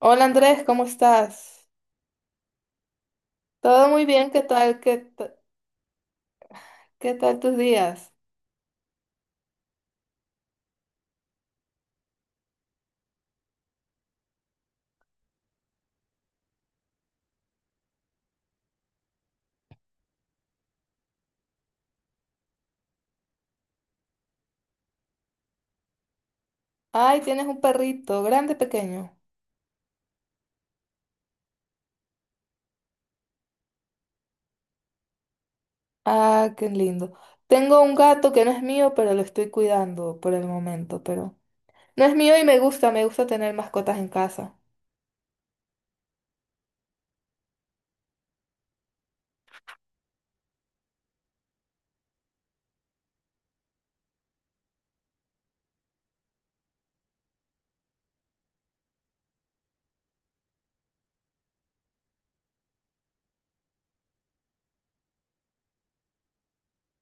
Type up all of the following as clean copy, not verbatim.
Hola Andrés, ¿cómo estás? Todo muy bien, ¿qué tal? Qué tal tus días? Ay, tienes un perrito, ¿grande, pequeño? Ah, qué lindo. Tengo un gato que no es mío, pero lo estoy cuidando por el momento, pero no es mío y me gusta tener mascotas en casa.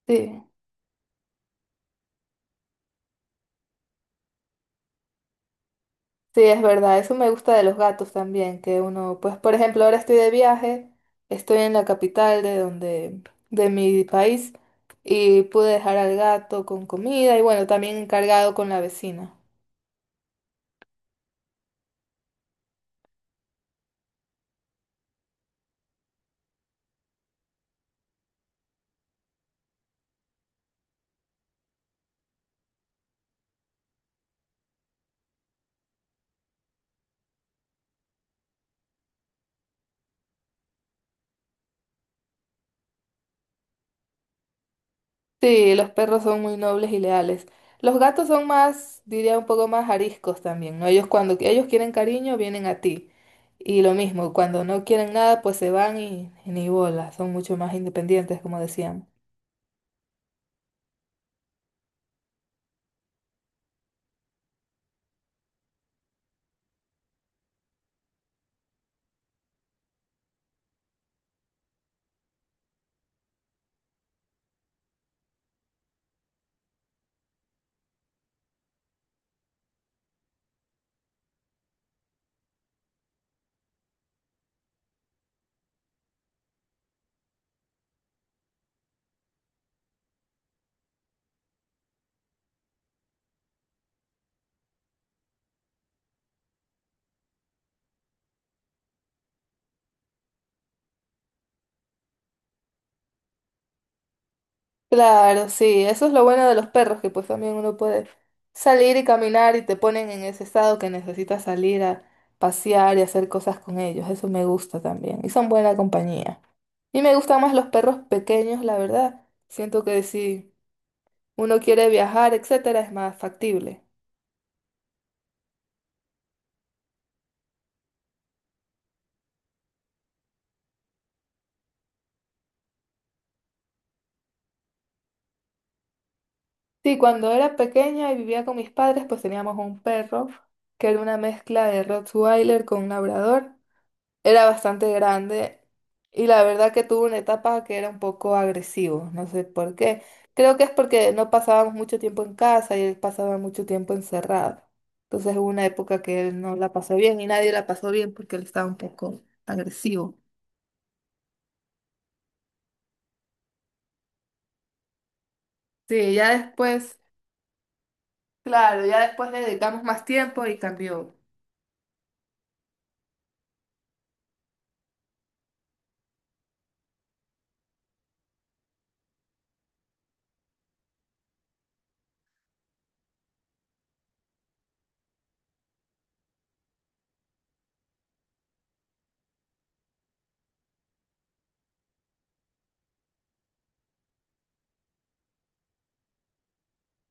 Sí, sí, es verdad, eso me gusta de los gatos también, que uno, pues por ejemplo, ahora estoy de viaje, estoy en la capital de donde, de mi país, y pude dejar al gato con comida y bueno, también encargado con la vecina. Sí, los perros son muy nobles y leales. Los gatos son más, diría un poco más ariscos también, ¿no? Ellos cuando ellos quieren cariño vienen a ti. Y lo mismo, cuando no quieren nada, pues se van y ni bola, son mucho más independientes, como decíamos. Claro, sí, eso es lo bueno de los perros, que pues también uno puede salir y caminar y te ponen en ese estado que necesitas salir a pasear y hacer cosas con ellos. Eso me gusta también. Y son buena compañía. Y me gustan más los perros pequeños, la verdad. Siento que sí. Uno quiere viajar, etcétera, es más factible. Sí, cuando era pequeña y vivía con mis padres, pues teníamos un perro que era una mezcla de Rottweiler con un labrador. Era bastante grande y la verdad que tuvo una etapa que era un poco agresivo, no sé por qué. Creo que es porque no pasábamos mucho tiempo en casa y él pasaba mucho tiempo encerrado. Entonces hubo una época que él no la pasó bien y nadie la pasó bien porque él estaba un poco agresivo. Sí, ya después. Claro, ya después le dedicamos más tiempo y cambió.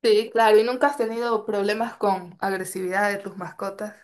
Sí, claro, ¿y nunca has tenido problemas con agresividad de tus mascotas?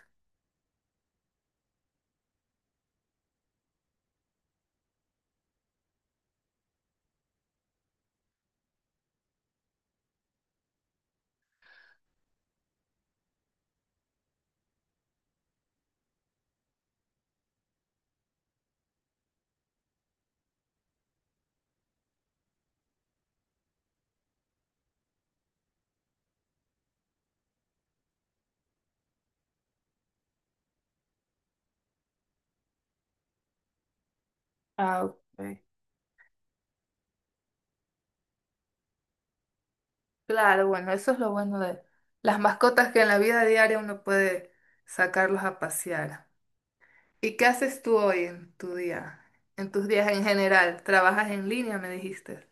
Ah, ok. Claro, bueno, eso es lo bueno de las mascotas, que en la vida diaria uno puede sacarlos a pasear. ¿Y qué haces tú hoy en tu día? En tus días en general, ¿trabajas en línea, me dijiste?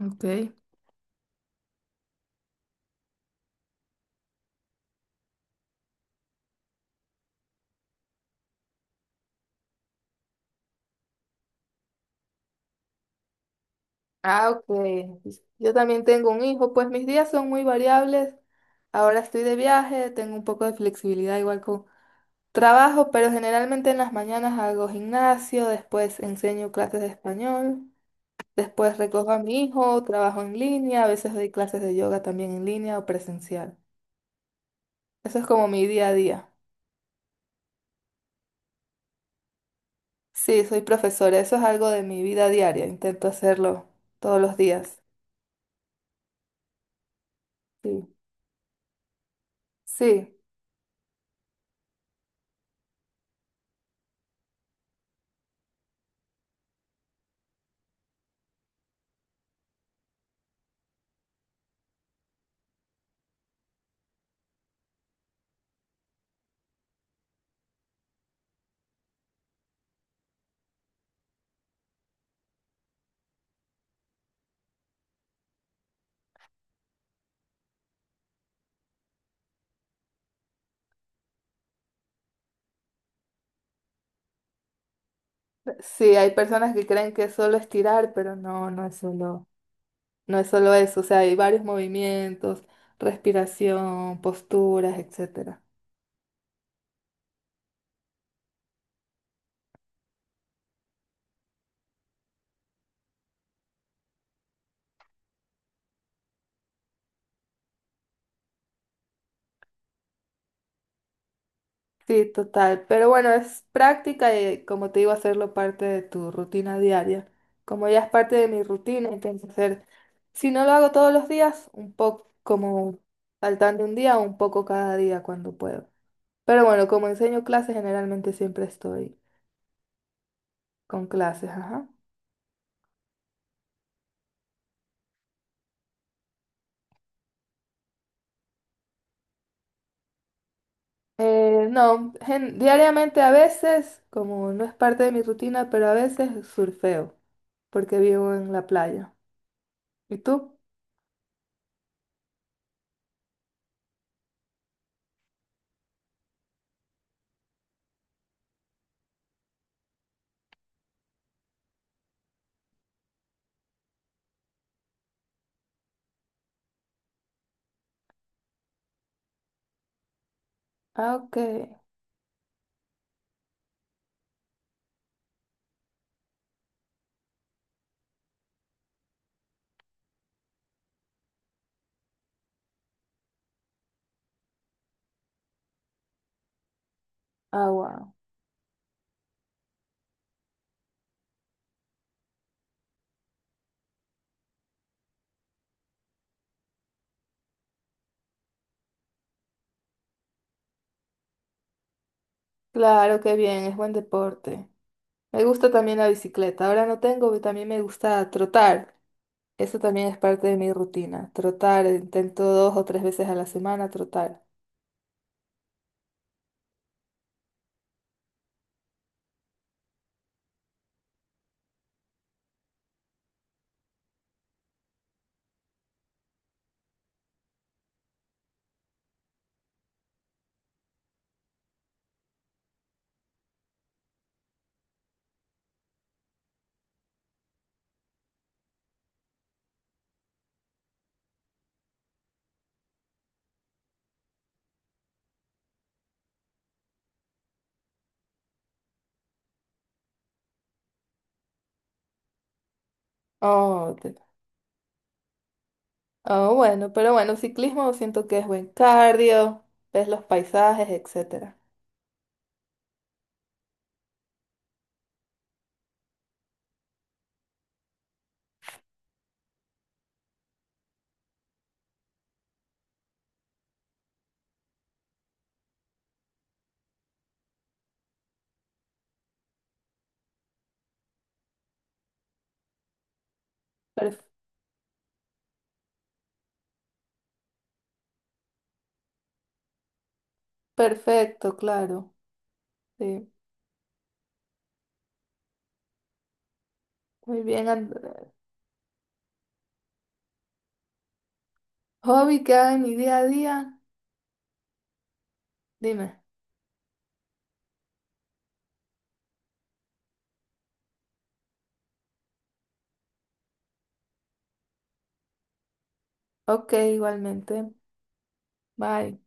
Okay. Ah, ok. Yo también tengo un hijo, pues mis días son muy variables. Ahora estoy de viaje, tengo un poco de flexibilidad igual con trabajo, pero generalmente en las mañanas hago gimnasio, después enseño clases de español, después recojo a mi hijo, trabajo en línea, a veces doy clases de yoga también en línea o presencial. Eso es como mi día a día. Sí, soy profesora, eso es algo de mi vida diaria, intento hacerlo todos los días. Sí, sí, sí, hay personas que creen que es solo estirar, pero no, no es solo eso, o sea, hay varios movimientos, respiración, posturas, etcétera. Sí, total. Pero bueno, es práctica y como te digo, hacerlo parte de tu rutina diaria. Como ya es parte de mi rutina, intento hacer, si no lo hago todos los días, un poco como saltando un día, un poco cada día cuando puedo. Pero bueno, como enseño clases, generalmente siempre estoy con clases, ajá. No, diariamente a veces, como no es parte de mi rutina, pero a veces surfeo, porque vivo en la playa. ¿Y tú? Ah, ok. Agua. Claro, qué bien, es buen deporte. Me gusta también la bicicleta. Ahora no tengo, pero también me gusta trotar. Eso también es parte de mi rutina. Trotar, intento 2 o 3 veces a la semana trotar. Oh, te- oh, bueno, pero bueno, ciclismo siento que es buen cardio, ves los paisajes, etcétera. Perf- perfecto, claro. Sí, muy bien. Hobby que hago en mi día a día. Dime. Ok, igualmente. Bye.